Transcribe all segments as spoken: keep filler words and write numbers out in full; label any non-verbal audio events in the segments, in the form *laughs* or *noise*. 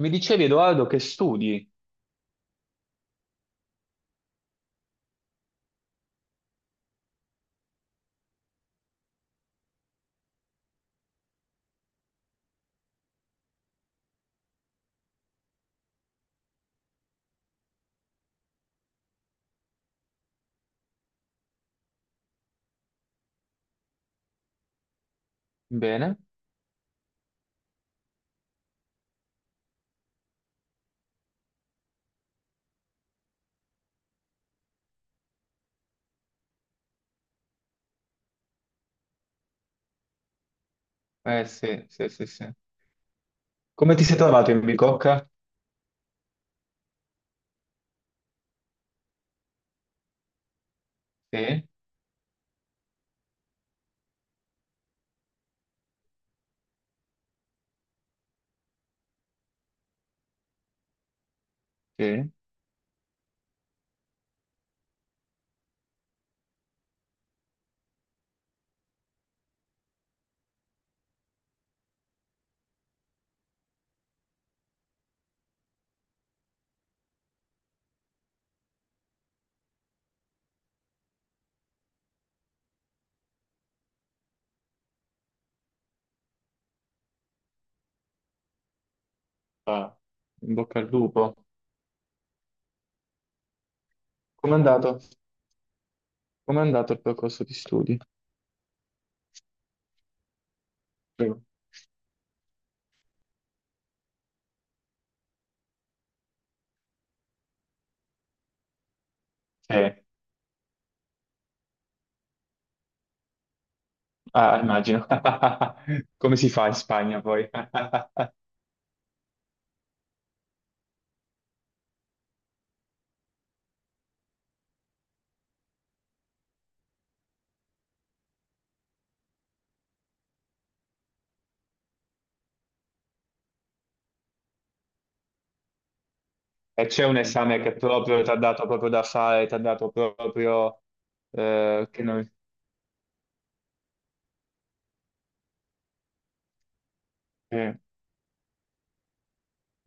Mi dicevi, Edoardo, che studi? Bene? Eh sì, sì, sì, sì. Come ti sei trovato in bicocca? Sì, sì. Ah. In bocca al lupo. Com'è andato? Com'è andato il percorso di studi? Prego. Sì, ah, immagino. *laughs* Come si fa in Spagna poi? *laughs* E c'è un esame che proprio ti ha dato proprio da fare, ti ha dato proprio eh, che non... eh,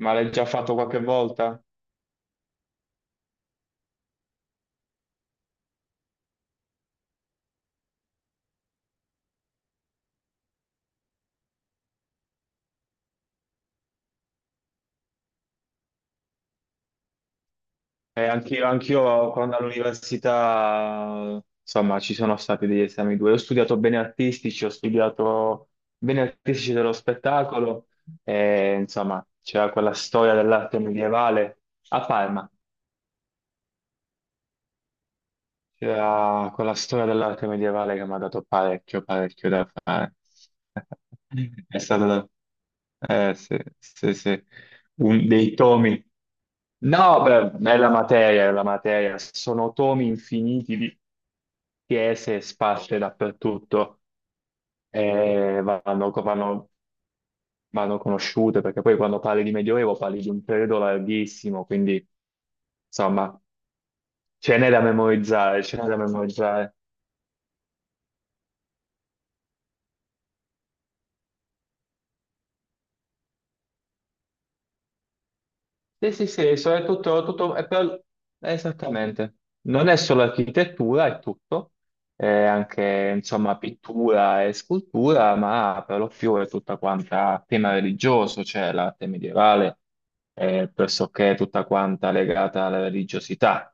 Ma l'hai già fatto qualche volta? Eh, anch'io, anch'io quando all'università, insomma, ci sono stati degli esami due. Ho studiato bene artistici, ho studiato bene artistici dello spettacolo, e, insomma, c'era quella storia dell'arte medievale a Parma. C'era quella storia dell'arte medievale che mi ha dato parecchio, parecchio da fare. *laughs* È stato da... Eh, sì, sì, sì. Un- dei tomi. No, beh, è la materia, è la materia. Sono tomi infiniti di chiese sparse dappertutto e vanno, vanno- vanno conosciute, perché poi quando parli di Medioevo parli di un periodo larghissimo, quindi insomma ce n'è da memorizzare, ce n'è da memorizzare. Sì, sì, sì, so- è tutto, tutto- è per- è esattamente. Non è solo architettura, è tutto, è anche, insomma, pittura e scultura, ma per lo più è tutta quanta tema religioso, cioè l'arte medievale è pressoché tutta quanta legata alla religiosità.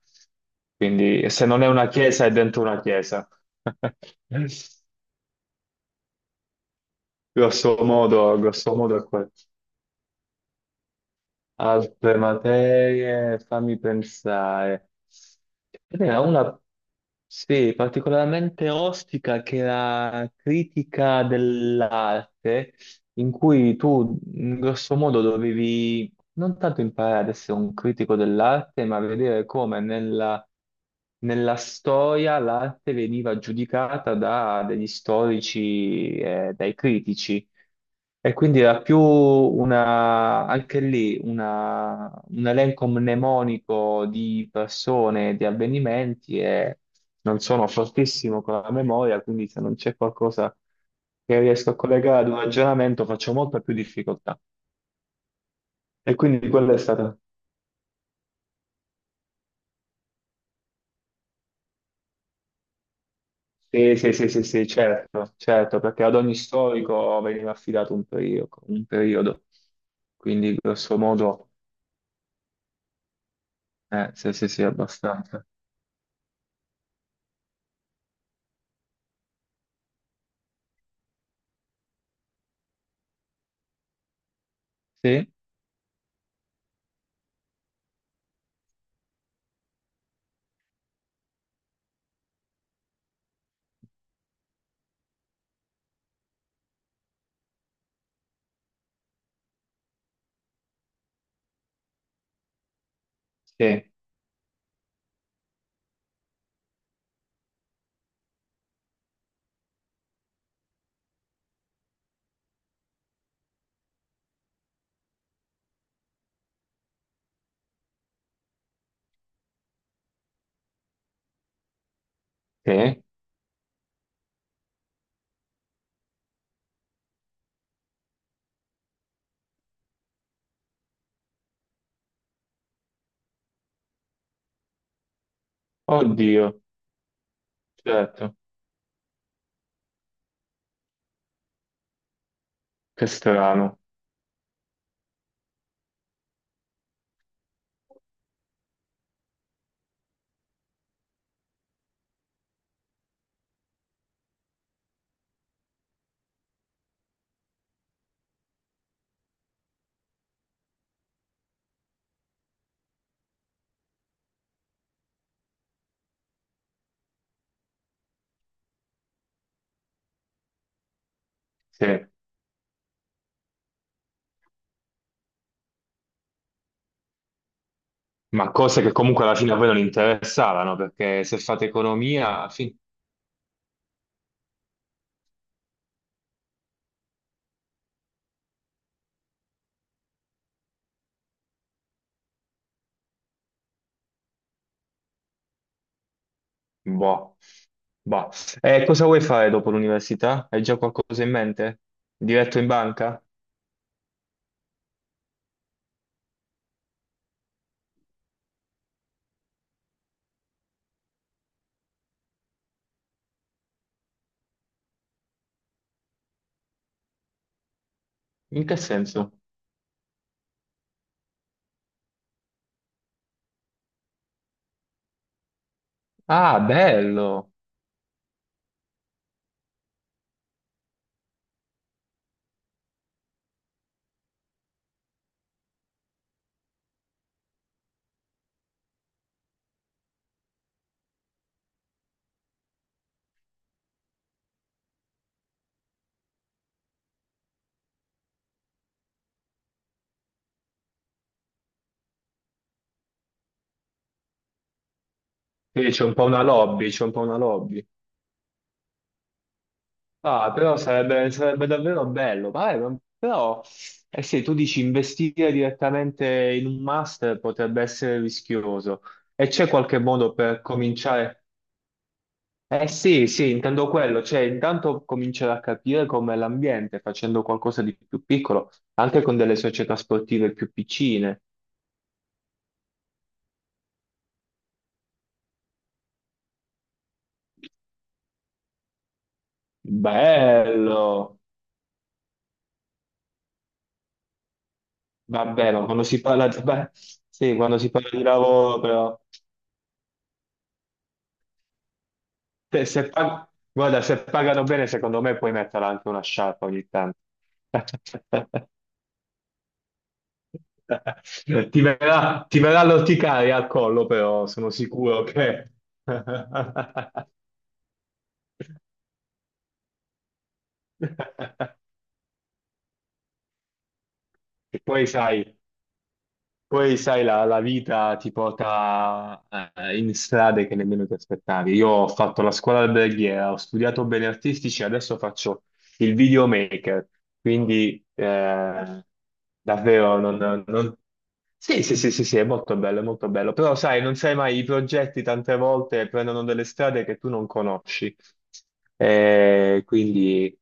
Quindi se non è una chiesa, è dentro una chiesa. *laughs* Grosso modo, grosso modo è quello. Altre materie, fammi pensare. Ce n'era una, sì, particolarmente ostica che era critica dell'arte, in cui tu in grosso modo dovevi non tanto imparare ad essere un critico dell'arte, ma vedere come nella, nella storia l'arte veniva giudicata da degli storici e dai critici. E quindi era più una, anche lì una- un elenco mnemonico di persone, di avvenimenti e non sono fortissimo con la memoria, quindi se non c'è qualcosa che riesco a collegare ad un ragionamento faccio molta più difficoltà. E quindi quella è stata... Sì, sì, sì, sì, sì, certo, certo, perché ad ogni storico veniva affidato un periodo, un periodo. Quindi grosso modo, eh, sì, sì, sì, abbastanza. Sì, sì. Sì? Oddio, certo, che strano. Sì. Ma cose che comunque alla fine a voi non interessavano, perché se fate economia, fi- boh. Boh. E cosa vuoi fare dopo l'università? Hai già qualcosa in mente? Diretto in banca? In che senso? Ah, bello! Quindi c'è un po' una lobby, c'è un po' una lobby. Ah, però sarebbe, sarebbe davvero bello, ma- eh, ma- però eh sì, tu dici investire direttamente in un master potrebbe essere rischioso e c'è qualche modo per cominciare? Eh sì, sì, intendo quello, cioè intanto cominciare a capire com'è l'ambiente facendo qualcosa di più piccolo, anche con delle società sportive più piccine. Bello! Vabbè, ma quando si parla di... beh, sì, quando si parla di lavoro però... Se- se pag- Guarda, se pagano bene, secondo me puoi mettere anche una sciarpa ogni tanto. *laughs* Ti verrà, ti verrà l'orticaria al collo, però sono sicuro che... *laughs* E poi sai, poi, sai, la, la vita ti porta eh, in strade che nemmeno ti aspettavi. Io ho fatto la scuola alberghiera, ho studiato beni artistici, adesso faccio il videomaker, quindi eh, davvero non, non- sì, sì, sì, sì, sì, è molto bello, è molto bello. Però sai, non sai mai, i progetti tante volte prendono delle strade che tu non conosci. Eh, quindi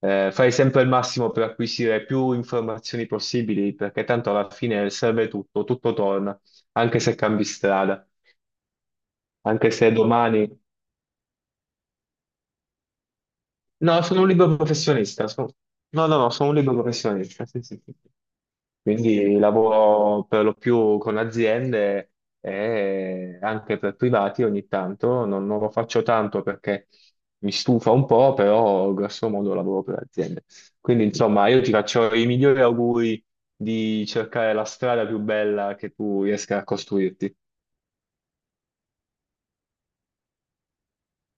eh, fai sempre il massimo per acquisire più informazioni possibili, perché tanto alla fine serve tutto, tutto torna, anche se cambi strada, anche se domani No, sono un libero professionista. Sono- No, no, no, sono un libero professionista. Sì, sì, sì. Quindi lavoro per lo più con aziende e anche per privati ogni tanto. Non, non lo faccio tanto perché mi stufa un po', però grosso modo lavoro per aziende. Quindi, insomma, io ti faccio i migliori auguri di cercare la strada più bella che tu riesca a costruirti.